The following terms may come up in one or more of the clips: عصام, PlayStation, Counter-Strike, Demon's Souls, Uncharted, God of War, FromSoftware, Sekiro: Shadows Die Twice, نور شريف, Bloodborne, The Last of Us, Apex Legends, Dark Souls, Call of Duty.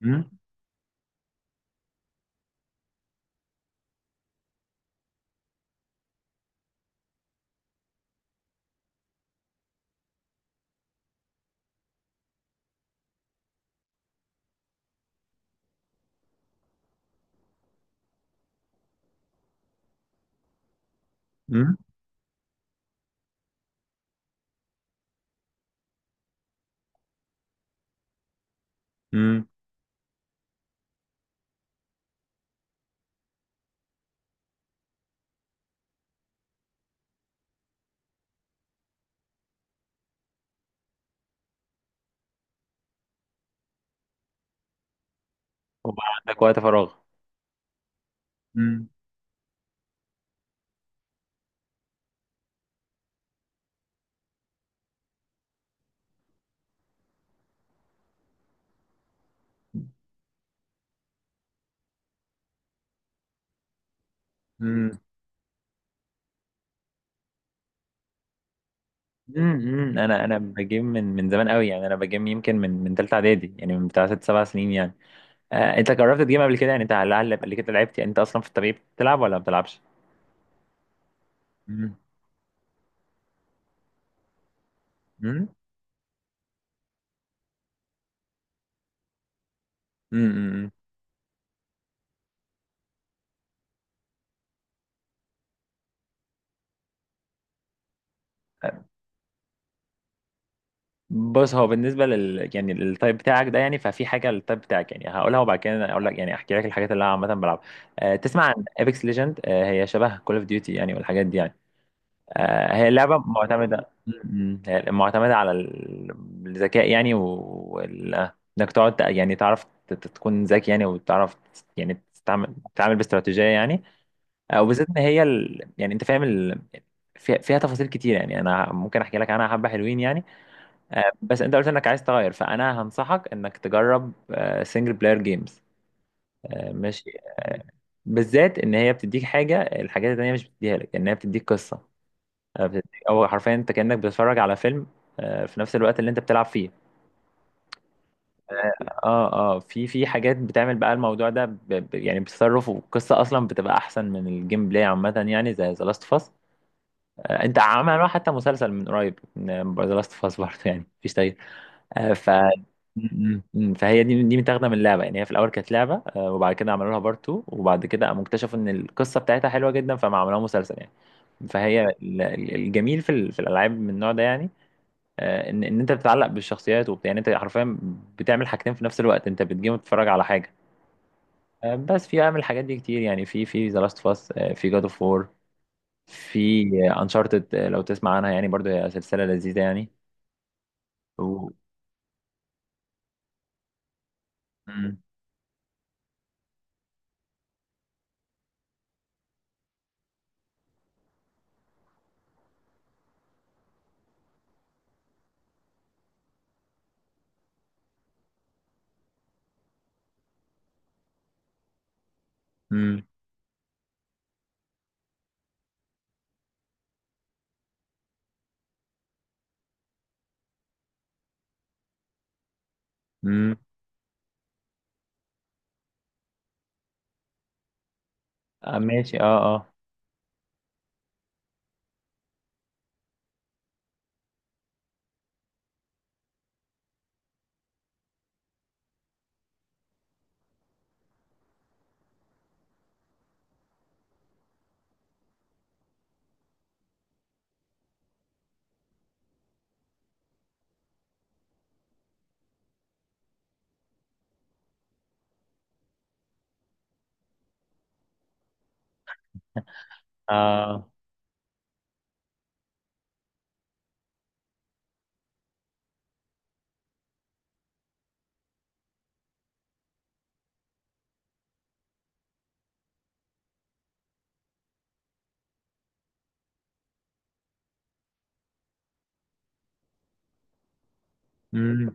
مم، مم، مم. وبقى عندك وقت فراغ؟ مم، مم، مم، مم. انا بجيم من زمان قوي، يعني انا بجيم يمكن من ثالثه اعدادي، يعني من بتاع 6 7 سنين يعني. انت جربت تجيم قبل كده؟ يعني انت لعل قبل كده لعبت، يعني انت اصلا في الطبيعي بتلعب ولا ما بتلعبش؟ مم، مم، مم، مم. بص، هو بالنسبه يعني للتايب بتاعك ده، يعني ففي حاجه للتايب بتاعك يعني هقولها، وبعد كده اقول لك، يعني احكي لك الحاجات اللي انا عامه بلعبها. تسمع عن ايبكس ليجند؟ هي شبه كول اوف ديوتي يعني، والحاجات دي يعني. هي لعبة معتمدة م- م. هي معتمدة على الذكاء يعني انك تقعد يعني تعرف تكون ذكي يعني، وتعرف يعني تتعامل باستراتيجية يعني. وبالذات ان هي يعني انت فاهم فيها تفاصيل كتير يعني، انا ممكن احكي لك عنها حبة حلوين يعني. بس انت قلت انك عايز تغير، فانا هنصحك انك تجرب سنجل بلاير جيمز. ماشي. آه، بالذات ان هي بتديك الحاجات التانية مش بتديها لك، ان هي بتديك قصة. هو حرفيا انت كأنك بتتفرج على فيلم، في نفس الوقت اللي انت بتلعب فيه. اه في في حاجات بتعمل بقى الموضوع ده ب ب يعني بتصرف، والقصه اصلا بتبقى احسن من الجيم بلاي عامه، يعني زي ذا لاست اوف اس. انت عملوا حتى مسلسل من قريب، ذا لاست اوف اس برضه، يعني مفيش تغيير. آه، ف فهي دي متاخده من اللعبه يعني. هي في الاول كانت لعبه، وبعد كده عملوا لها بارت 2، وبعد كده قاموا اكتشفوا ان القصه بتاعتها حلوه جدا، فما عملوها مسلسل يعني. فهي الجميل في في الالعاب من النوع ده يعني، ان انت بتتعلق بالشخصيات وبتاع يعني. انت حرفيا بتعمل حاجتين في نفس الوقت: انت بتجيم وتتفرج على حاجه. بس في اعمل الحاجات دي كتير يعني، في ذا لاست اوف اس، في جاد اوف وور، في انشارتد لو تسمع عنها يعني، برضو هي سلسله لذيذه يعني و... مم. مم. مم. ماشي، اه، اه، اه،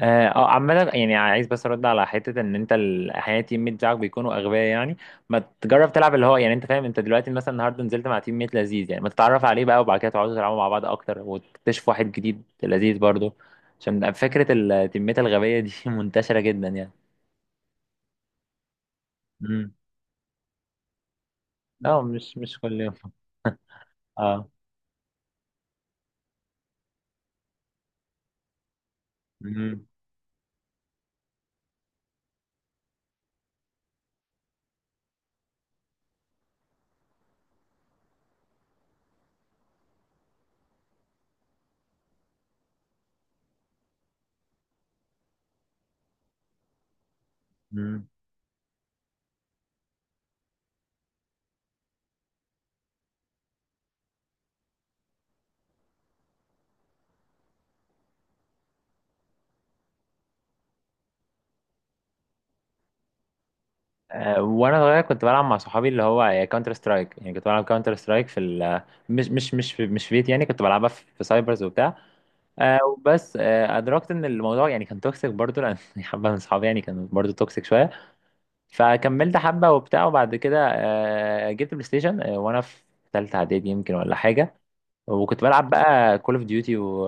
اه. عامة يعني عايز بس ارد على حتة ان انت احيانا التيم ميت بتاعك بيكونوا اغبياء يعني. ما تجرب تلعب اللي هو يعني، انت فاهم، انت دلوقتي مثلا النهارده نزلت مع تيم ميت لذيذ يعني، ما تتعرف عليه بقى، وبعد كده تقعدوا تلعبوا مع بعض اكتر وتكتشف واحد جديد لذيذ برضه. عشان فكرة التيمات الغبية دي منتشرة جدا يعني. امم. لا، مش كل يوم. اه. امم. امم. وانا صغير كنت بلعب مع صحابي، اللي هو كاونتر سترايك يعني. كنت بلعب كاونتر سترايك في مش في بيت يعني. كنت بلعبها في سايبرز وبتاع. آه بس آه ادركت ان الموضوع يعني كان توكسيك برضو، لان حبه من صحابي يعني كانوا برضو توكسيك شويه، فكملت حبه وبتاع. وبعد كده جبت بلاي ستيشن، وانا في ثالثه اعدادي يمكن ولا حاجه. وكنت بلعب بقى كول اوف ديوتي،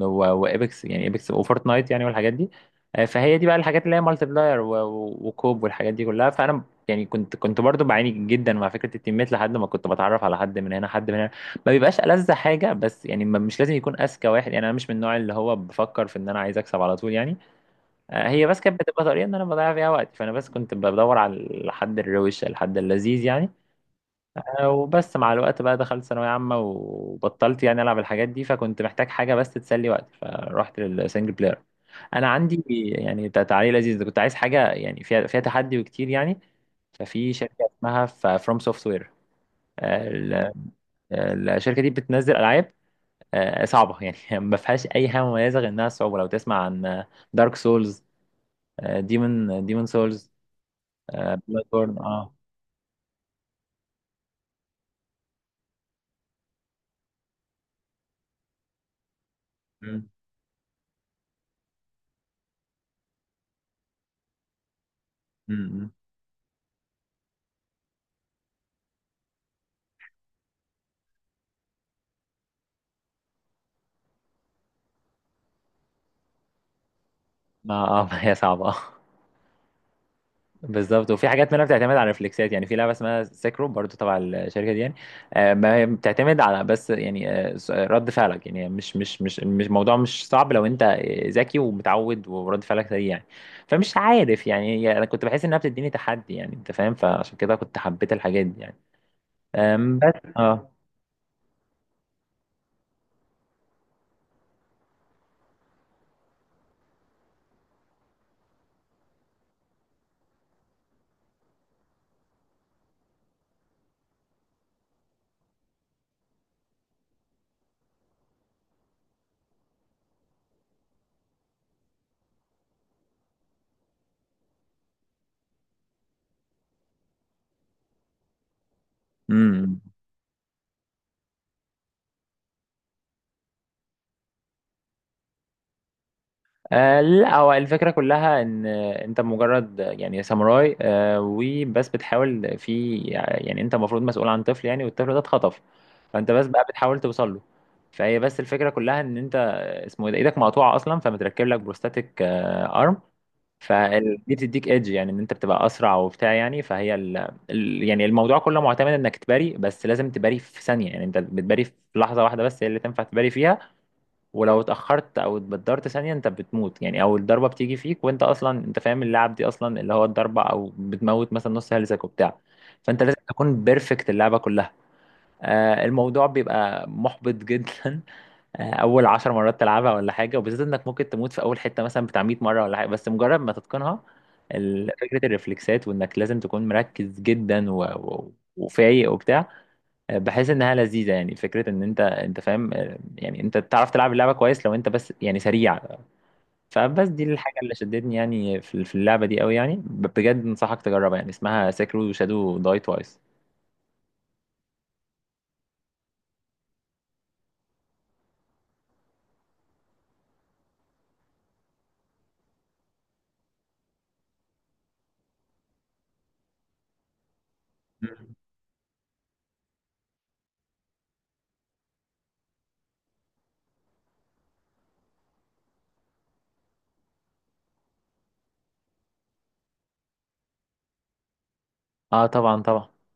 وايبكس يعني، ايبكس وفورتنايت يعني والحاجات دي. فهي دي بقى الحاجات اللي هي مالتي بلاير وكوب والحاجات دي كلها. فانا يعني كنت برضو بعاني جدا مع فكره التيمات، لحد ما كنت بتعرف على حد من هنا حد من هنا ما بيبقاش ألذ حاجه. بس يعني مش لازم يكون اذكى واحد يعني، انا مش من النوع اللي هو بفكر في ان انا عايز اكسب على طول يعني. هي بس كانت بتبقى طريقه ان انا بضيع فيها وقت، فانا بس كنت بدور على الحد الروش، الحد اللذيذ يعني. وبس مع الوقت بقى، دخلت ثانوية عامة وبطلت يعني ألعب الحاجات دي، فكنت محتاج حاجة بس تسلي وقتي، فرحت للسنجل بلاير. أنا عندي يعني تعليق لذيذ. كنت عايز حاجة يعني فيها تحدي وكتير يعني. ففي شركة اسمها فروم سوفت وير. الشركة دي بتنزل ألعاب صعبة يعني ما فيهاش أي حاجة مميزة غير إنها صعوبة. لو تسمع عن دارك سولز، ديمون سولز، بلاد بورن، مم. مم. مم. ما ما هي صعبة. بالظبط. وفي حاجات منها بتعتمد على ريفلكسات يعني، في لعبه اسمها سيكرو برضو تبع الشركه دي يعني. ما هي بتعتمد على بس يعني رد فعلك يعني. مش الموضوع مش صعب لو انت ذكي ومتعود ورد فعلك سريع يعني. فمش عارف يعني انا كنت بحس انها بتديني تحدي يعني، انت فاهم، فعشان كده كنت حبيت الحاجات دي يعني. بس امم. لا، هو الفكرة كلها ان انت مجرد يعني ساموراي، وبس بتحاول يعني انت المفروض مسؤول عن طفل يعني، والطفل ده اتخطف، فانت بس بقى بتحاول توصل له. فهي بس الفكرة كلها ان انت، اسمه ايه ده، ايدك مقطوعة اصلا، فمتركب لك بروستاتيك ارم، فدي بتديك ايدج يعني، ان انت بتبقى اسرع وبتاع يعني. فهي يعني الموضوع كله معتمد انك تباري، بس لازم تباري في ثانية يعني. انت بتباري في لحظة واحدة بس هي اللي تنفع تباري فيها. ولو اتأخرت أو اتبدرت ثانية أنت بتموت يعني، أو الضربة بتيجي فيك وأنت أصلا أنت فاهم اللعب دي، أصلا اللي هو الضربة أو بتموت مثلا نص هلسك وبتاع. فأنت لازم تكون بيرفكت اللعبة كلها. الموضوع بيبقى محبط جدا. أول 10 مرات تلعبها ولا حاجة، وبالذات إنك ممكن تموت في أول حتة مثلا بتاع 100 مرة ولا حاجة. بس مجرد ما تتقنها فكرة الرفلكسات، وإنك لازم تكون مركز جدا وفايق وبتاع، بحيث انها لذيذه يعني. فكره ان انت فاهم يعني، انت تعرف تلعب اللعبه كويس لو انت بس يعني سريع. فبس دي الحاجه اللي شدتني يعني في اللعبه دي قوي يعني. بجد انصحك تجربها يعني، اسمها سكرو شادو داي توايس. اه، طبعا طبعا.